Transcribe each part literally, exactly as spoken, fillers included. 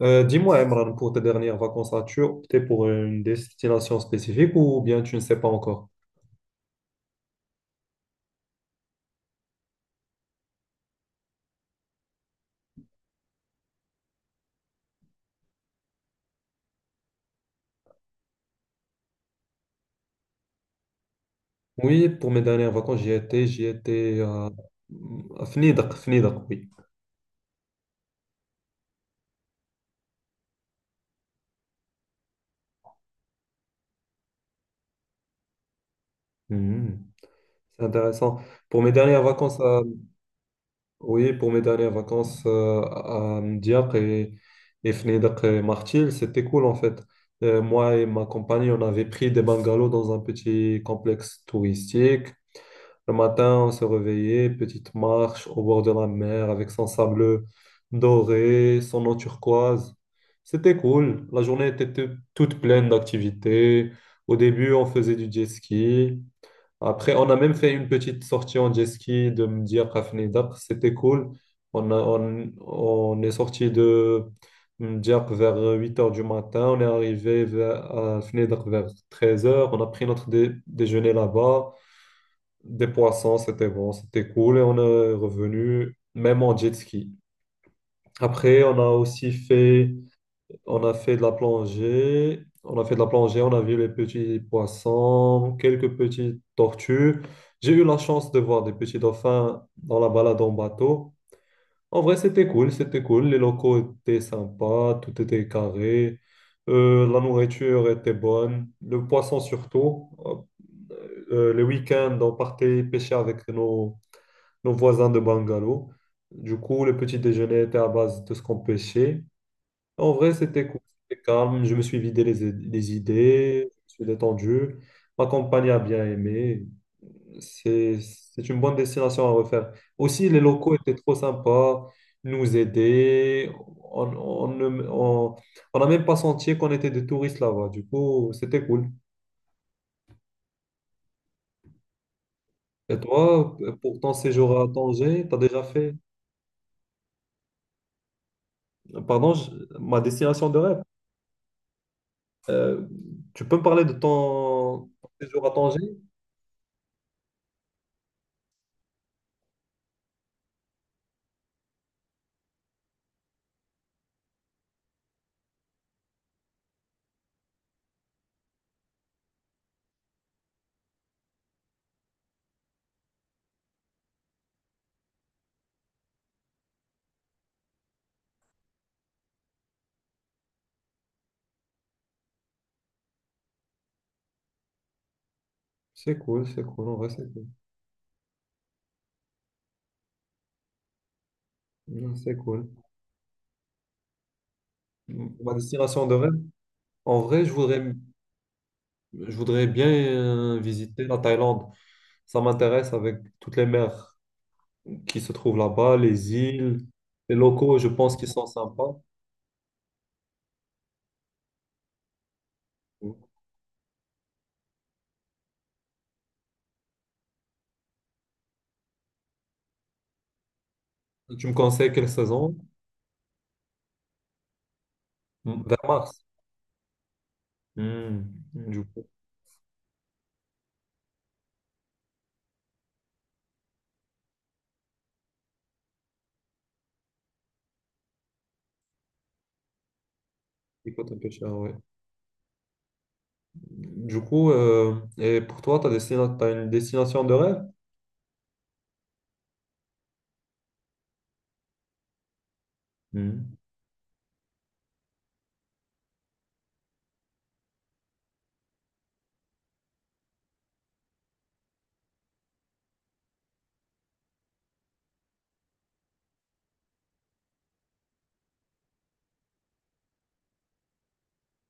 Euh, dis-moi, Emran, pour tes dernières vacances, as-tu opté pour une destination spécifique ou bien tu ne sais pas encore? Oui, pour mes dernières vacances, j'y étais, j'y étais à, à Fnidak, Fnidak, oui. Mhm. C'est intéressant. Pour mes dernières vacances, à- Oui, pour mes dernières vacances euh, à Diak et, et Fnidak et Martil, c'était cool en fait. Euh, moi et ma compagne, on avait pris des bungalows dans un petit complexe touristique. Le matin, on se réveillait, petite marche au bord de la mer avec son sable doré, son eau turquoise. C'était cool. La journée était tou- toute pleine d'activités. Au début, on faisait du jet ski. Après, on a même fait une petite sortie en jet ski de Mdir Kafnidar. C'était cool. On a- on, on est sorti de Mdir vers huit heures du matin. On est arrivé vers, à Fnidar vers treize heures. On a pris notre dé- déjeuner là-bas, des poissons, c'était bon, c'était cool et on est revenu même en jet ski. Après, on a aussi fait, on a fait de la plongée, on a fait de la plongée, on a vu les petits poissons, quelques petites tortues. J'ai eu la chance de voir des petits dauphins dans la balade en bateau. En vrai, c'était cool, c'était cool. Les locaux étaient sympas, tout était carré. Euh, la nourriture était bonne, le poisson surtout. Euh, le week-end, on partait pêcher avec nos, nos voisins de Bungalow. Du coup, le petit déjeuner était à base de ce qu'on pêchait. En vrai, c'était cool, c'était calme. Je me suis vidé les, les idées, je me suis détendu. Ma compagne a bien aimé. C'est, c'est une bonne destination à refaire. Aussi, les locaux étaient trop sympas, ils nous aidaient. On, on, ne- on, on n'a même pas senti qu'on était des touristes là-bas. Du coup, c'était cool. Et toi, pour ton séjour à Tanger, t'as déjà fait, pardon, je- ma destination de rêve? Euh, Tu peux me parler de ton séjour à Tanger? C'est cool, c'est cool, en vrai, c'est cool. Mm, c'est cool. Mm, ma destination de rêve, en vrai, je voudrais, je voudrais bien euh, visiter la Thaïlande. Ça m'intéresse avec toutes les mers qui se trouvent là-bas, les îles, les locaux, je pense qu'ils sont sympas. Mm. Tu me conseilles quelle saison? Mm, vers mars. Mm, du coup, il coûte un peu cher, ouais. Du coup, euh, et pour toi, tu as une destination de rêve?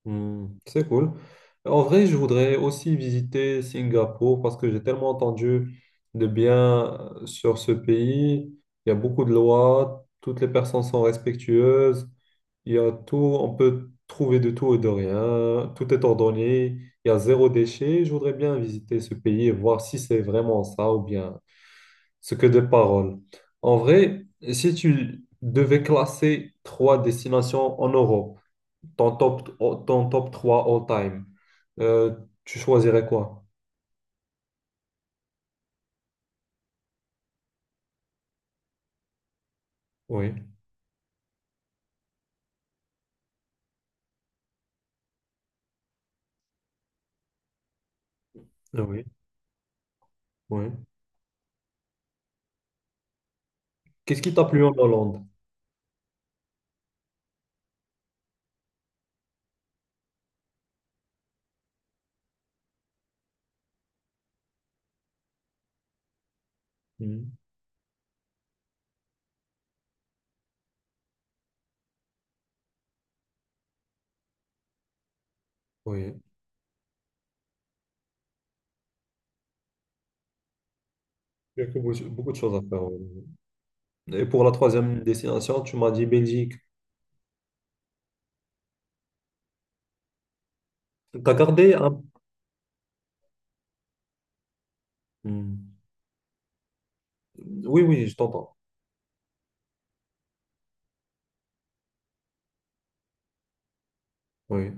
Hmm, c'est cool. En vrai, je voudrais aussi visiter Singapour parce que j'ai tellement entendu de bien euh, sur ce pays. Il y a beaucoup de lois, toutes les personnes sont respectueuses, il y a tout, on peut trouver de tout et de rien, tout est ordonné, il y a zéro déchet. Je voudrais bien visiter ce pays et voir si c'est vraiment ça ou bien ce que des paroles. En vrai, si tu devais classer trois destinations en Europe, ton top, oh, ton top trois all-time, euh, tu choisirais quoi? Oui, ah oui, oui. Qu'est-ce qui t'a plu en Hollande? Mhm. Oui, il y a que beaucoup beaucoup de choses à faire, oui. Et pour la troisième destination, tu m'as dit Belgique. T'as gardé un... Mhm. Oui, oui, je t'entends. Oui,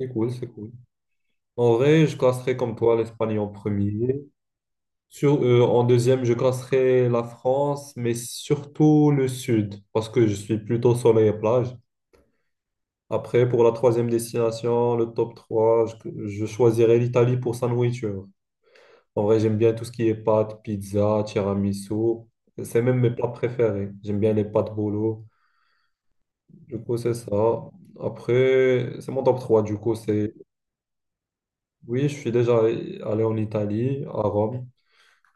c'est cool, c'est cool. En vrai, je classerais comme toi l'Espagne en premier. Sur, euh, en deuxième, je classerais la France, mais surtout le sud, parce que je suis plutôt soleil et plage. Après, pour la troisième destination, le top trois je, je choisirais l'Italie pour sa nourriture. En vrai, j'aime bien tout ce qui est pâtes, pizza, tiramisu. C'est même mes plats préférés. J'aime bien les pâtes bolo. Du coup, c'est ça. Après, c'est mon top trois. Du coup, c'est... Oui, je suis déjà allé en Italie, à Rome.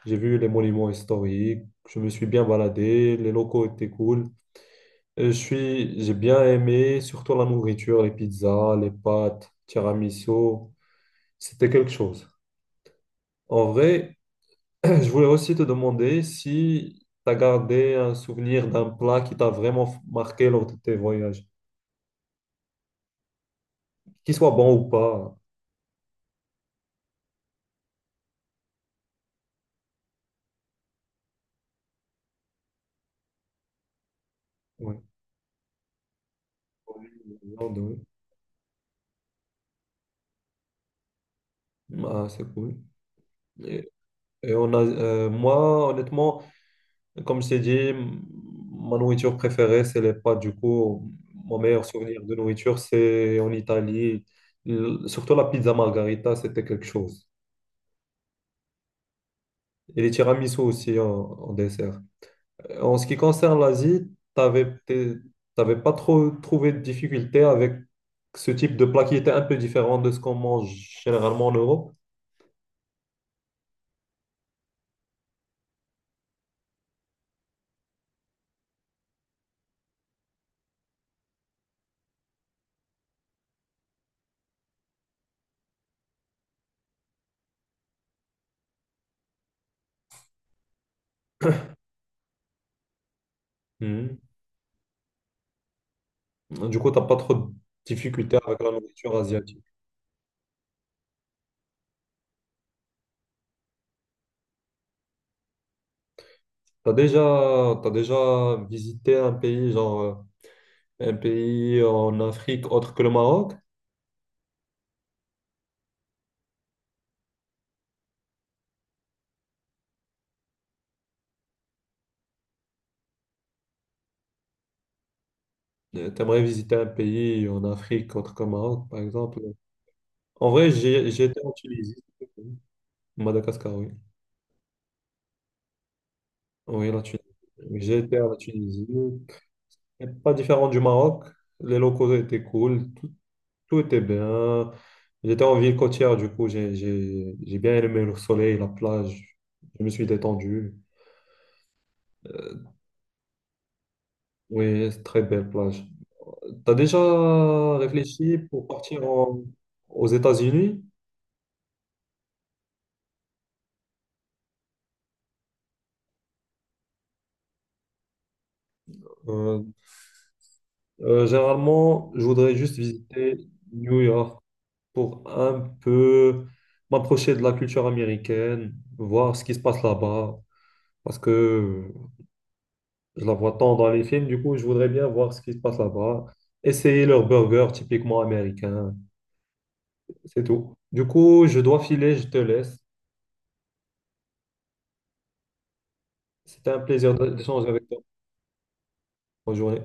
J'ai vu les monuments historiques. Je me suis bien baladé. Les locaux étaient cool. Et je suis... J'ai bien aimé, surtout la nourriture, les pizzas, les pâtes, tiramisu. C'était quelque chose. En vrai, je voulais aussi te demander si tu as gardé un souvenir d'un plat qui t'a vraiment f- marqué lors de tes voyages, qu'il soit bon ou pas. Ouais. Viande, oui. Ah, c'est cool. Et, et on a, euh, moi, honnêtement, comme je t'ai dit, m- ma nourriture préférée, c'est les pâtes. Du coup, mon meilleur souvenir de nourriture, c'est en Italie. L- surtout la pizza margarita, c'était quelque chose. Et les tiramisu aussi en en dessert. En ce qui concerne l'Asie, t'avais, t'es- t'avais pas trop trouvé de difficultés avec ce type de plat qui était un peu différent de ce qu'on mange généralement en Europe. Mhm. Du coup, t'as pas trop de difficultés avec la nourriture asiatique. T'as déjà, t'as déjà visité un pays, genre euh, un pays en Afrique autre que le Maroc? Euh, T'aimerais visiter un pays en Afrique autre que le Maroc, par exemple? En vrai, j'ai j'ai été en Tunisie, Madagascar, oui. Oui, la Tunisie. J'ai été à la Tunisie. Et pas différent du Maroc. Les locaux étaient cool. Tout, tout était bien. J'étais en ville côtière, du coup, j'ai, j'ai, j'ai bien aimé le soleil, la plage. Je me suis détendu. Oui, c'est très belle plage. T'as déjà réfléchi pour partir en- aux États-Unis? Euh, euh, généralement, je voudrais juste visiter New York pour un peu m'approcher de la culture américaine, voir ce qui se passe là-bas. Parce que je la vois tant dans les films, du coup, je voudrais bien voir ce qui se passe là-bas. Essayer leur burger typiquement américain, c'est tout. Du coup, je dois filer, je te laisse. C'était un plaisir d'échanger avec toi. Bonne journée.